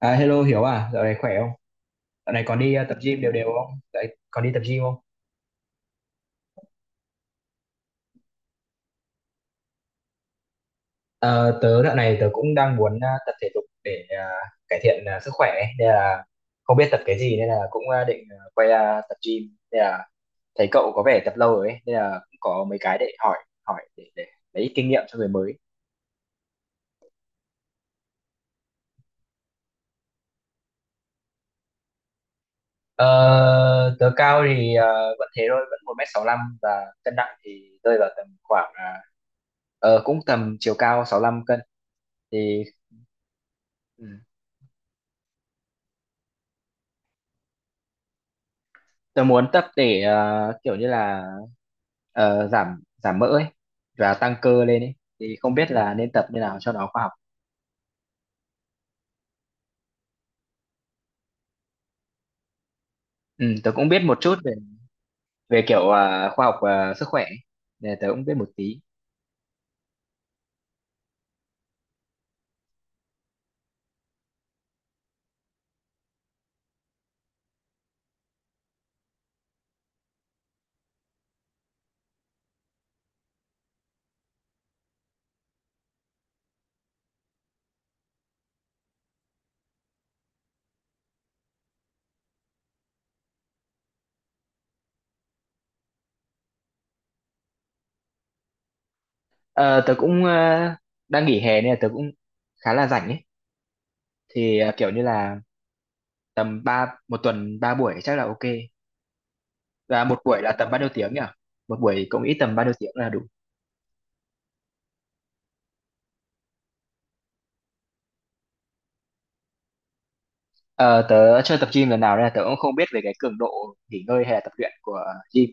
À, hello Hiếu à, dạo này khỏe không? Dạo này còn đi tập gym đều đều không? Dạo này còn đi tập gym không? Ờ, Tớ dạo này tớ cũng đang muốn tập thể dục để cải thiện sức khỏe ấy. Nên là không biết tập cái gì nên là cũng định quay ra tập gym. Nên là thấy cậu có vẻ tập lâu rồi ấy, nên là cũng có mấy cái để hỏi hỏi để lấy ít kinh nghiệm cho người mới. Ờ, Tớ cao thì vẫn thế thôi, vẫn một mét sáu 65, và cân nặng thì rơi vào tầm khoảng cũng tầm chiều cao 65 cân thì. Ừ. Tớ muốn tập để kiểu như là giảm giảm mỡ ấy và tăng cơ lên ấy thì không biết là nên tập như nào cho nó khoa học. Ừ, tớ cũng biết một chút về về kiểu khoa học sức khỏe ấy. Nên tớ cũng biết một tí. Ờ, Tớ cũng đang nghỉ hè nên là tớ cũng khá là rảnh ấy, thì kiểu như là tầm ba một tuần ba buổi chắc là ok, và một buổi là tầm bao nhiêu tiếng nhỉ? Một buổi cũng ít tầm bao nhiêu tiếng là đủ. Ờ, Tớ chưa tập gym lần nào nên là tớ cũng không biết về cái cường độ nghỉ ngơi hay là tập luyện của gym.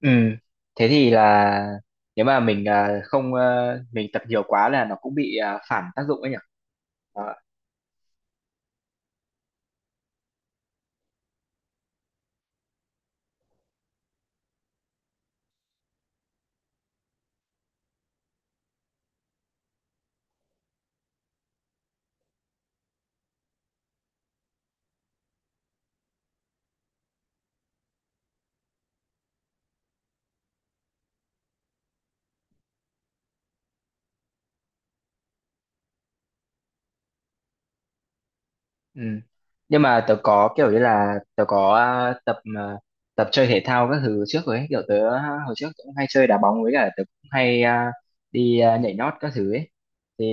Ừ, thế thì là nếu mà mình không mình tập nhiều quá là nó cũng bị phản tác dụng ấy nhỉ? Đó. Ừ. Nhưng mà tớ có kiểu như là tớ có tập chơi thể thao các thứ trước rồi ấy, kiểu tớ hồi trước cũng hay chơi đá bóng với cả tớ cũng hay đi nhảy nhót các thứ ấy. Thì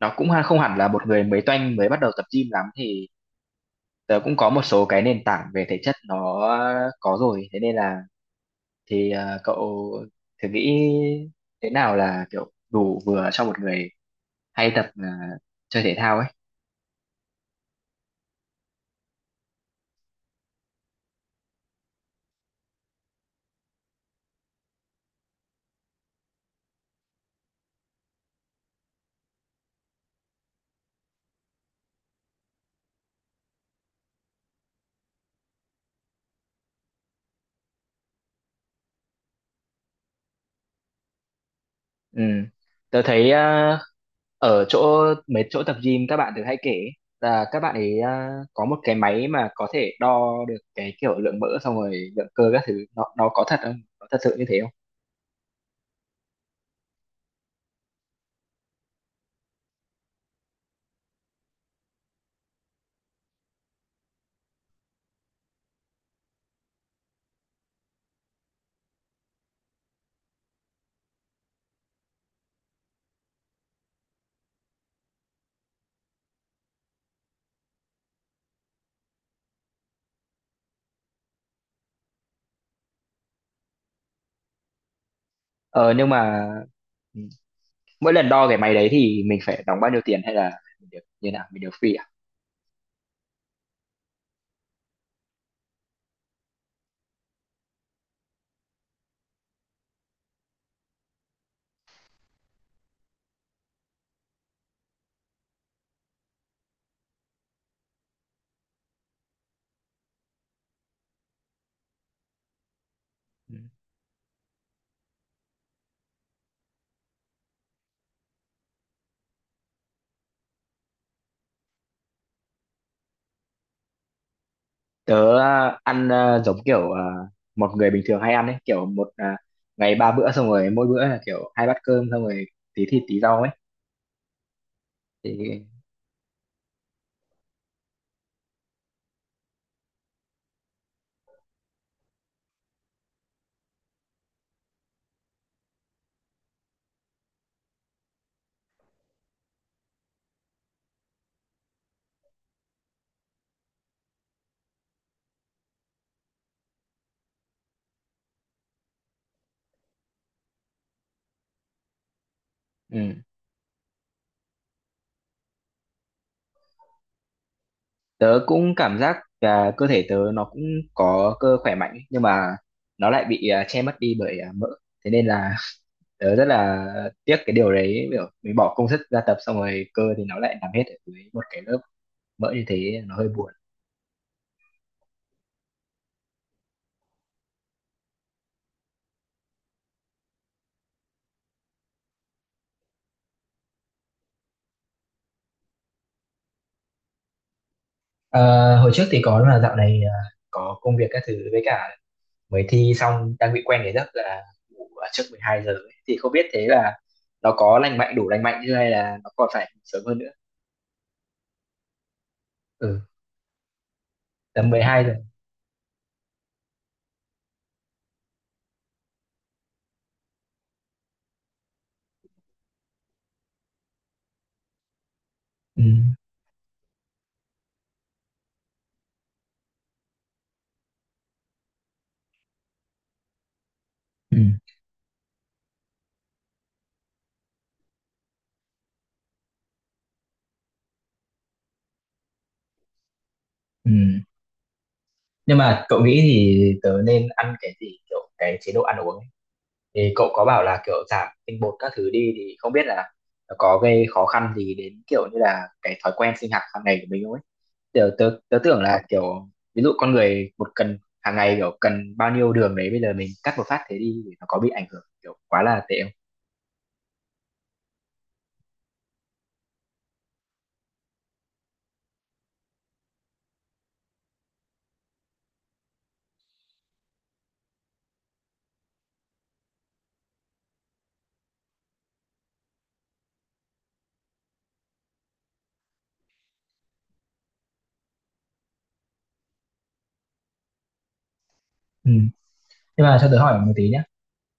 nó cũng không hẳn là một người mới toanh mới bắt đầu tập gym lắm, thì tớ cũng có một số cái nền tảng về thể chất nó có rồi, thế nên là thì cậu thử nghĩ thế nào là kiểu đủ vừa cho một người hay tập chơi thể thao ấy. Ừ, tớ thấy ở chỗ mấy chỗ tập gym các bạn thường hay kể ấy, là các bạn ấy có một cái máy mà có thể đo được cái kiểu lượng mỡ, xong rồi lượng cơ các thứ, nó có thật không, có thật sự như thế không? Ờ nhưng mà ừ, mỗi lần đo cái máy đấy thì mình phải đóng bao nhiêu tiền, hay là mình được như nào, mình được free à? Ừ, tớ ăn giống kiểu một người bình thường hay ăn ấy, kiểu một ngày ba bữa, xong rồi mỗi bữa là kiểu hai bát cơm, xong rồi tí thịt tí rau ấy thì. Ừ. Tớ cũng cảm giác là cơ thể tớ nó cũng có cơ khỏe mạnh ấy, nhưng mà nó lại bị che mất đi bởi mỡ, thế nên là tớ rất là tiếc cái điều đấy, kiểu mình bỏ công sức ra tập xong rồi cơ thì nó lại nằm hết ở dưới một cái lớp mỡ như thế, nó hơi buồn. Ờ, Hồi trước thì có, là dạo này có công việc các thứ, với cả mới thi xong, đang bị quen cái giấc là ngủ ở trước 12 giờ ấy. Thì không biết thế là nó có lành mạnh, đủ lành mạnh chưa, hay là nó còn phải sớm hơn nữa. Ừ, tầm 12 giờ. Ừ, ừ, ừ. Nhưng mà cậu nghĩ thì tớ nên ăn cái gì, kiểu cái chế độ ăn uống ấy. Thì cậu có bảo là kiểu giảm tinh bột các thứ đi, thì không biết là nó có gây khó khăn gì đến kiểu như là cái thói quen sinh hoạt hàng ngày của mình không ấy, kiểu tớ tưởng là kiểu ví dụ con người một cần hàng ngày, kiểu cần bao nhiêu đường đấy, bây giờ mình cắt một phát thế đi thì nó có bị ảnh hưởng kiểu quá là tệ không? Ừ. Nhưng mà cho tớ hỏi một tí nhé.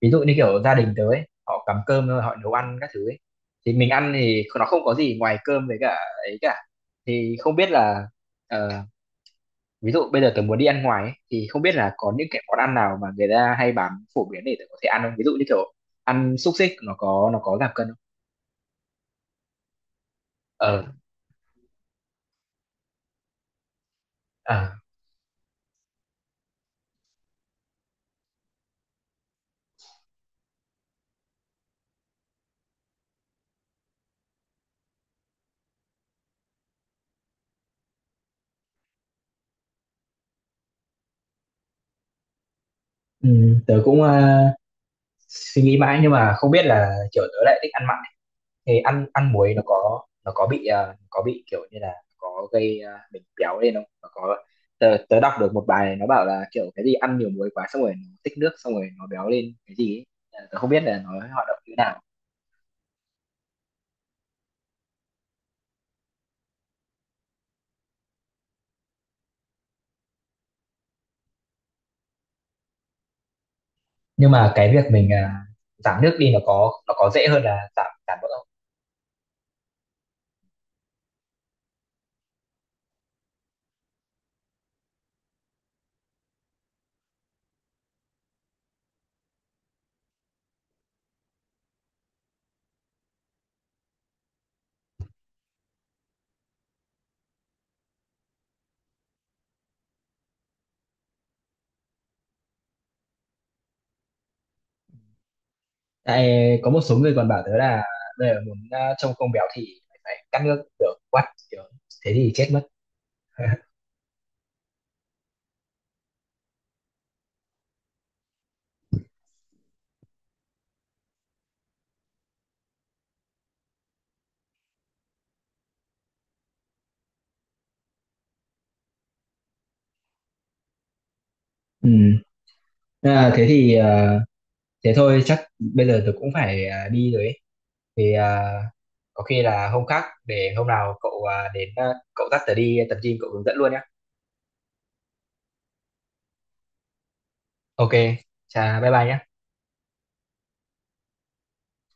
Ví dụ như kiểu gia đình tớ ấy, họ cắm cơm rồi họ nấu ăn các thứ ấy. Thì mình ăn thì nó không có gì ngoài cơm với cả ấy cả. Thì không biết là ờ, ví dụ bây giờ tớ muốn đi ăn ngoài ấy, thì không biết là có những cái món ăn nào mà người ta hay bán phổ biến để tớ có thể ăn không? Ví dụ như kiểu ăn xúc xích nó có giảm cân không? ờ à, Ừ, tớ cũng suy nghĩ mãi nhưng mà không biết là kiểu tớ lại thích ăn mặn, thì ăn ăn muối nó có bị có bị kiểu như là có gây mình béo lên không, nó có. Tớ đọc được một bài này nó bảo là kiểu cái gì ăn nhiều muối quá xong rồi nó tích nước xong rồi nó béo lên cái gì ấy. Tớ không biết là nó hoạt động như nào, nhưng mà cái việc mình giảm nước đi nó có dễ hơn là giảm giảm mỡ không? Tại có một số người còn bảo tớ là bây giờ muốn trông không béo thì phải cắt nước, kiểu quắt, kiểu thế thì chết mất. Ừ. À, thế thì thế thôi, chắc bây giờ tôi cũng phải đi rồi ấy. Thì có khi là hôm khác, để hôm nào cậu đến cậu dắt tớ đi tập gym, cậu hướng dẫn luôn nhé. Ok, chà bye bye nhé.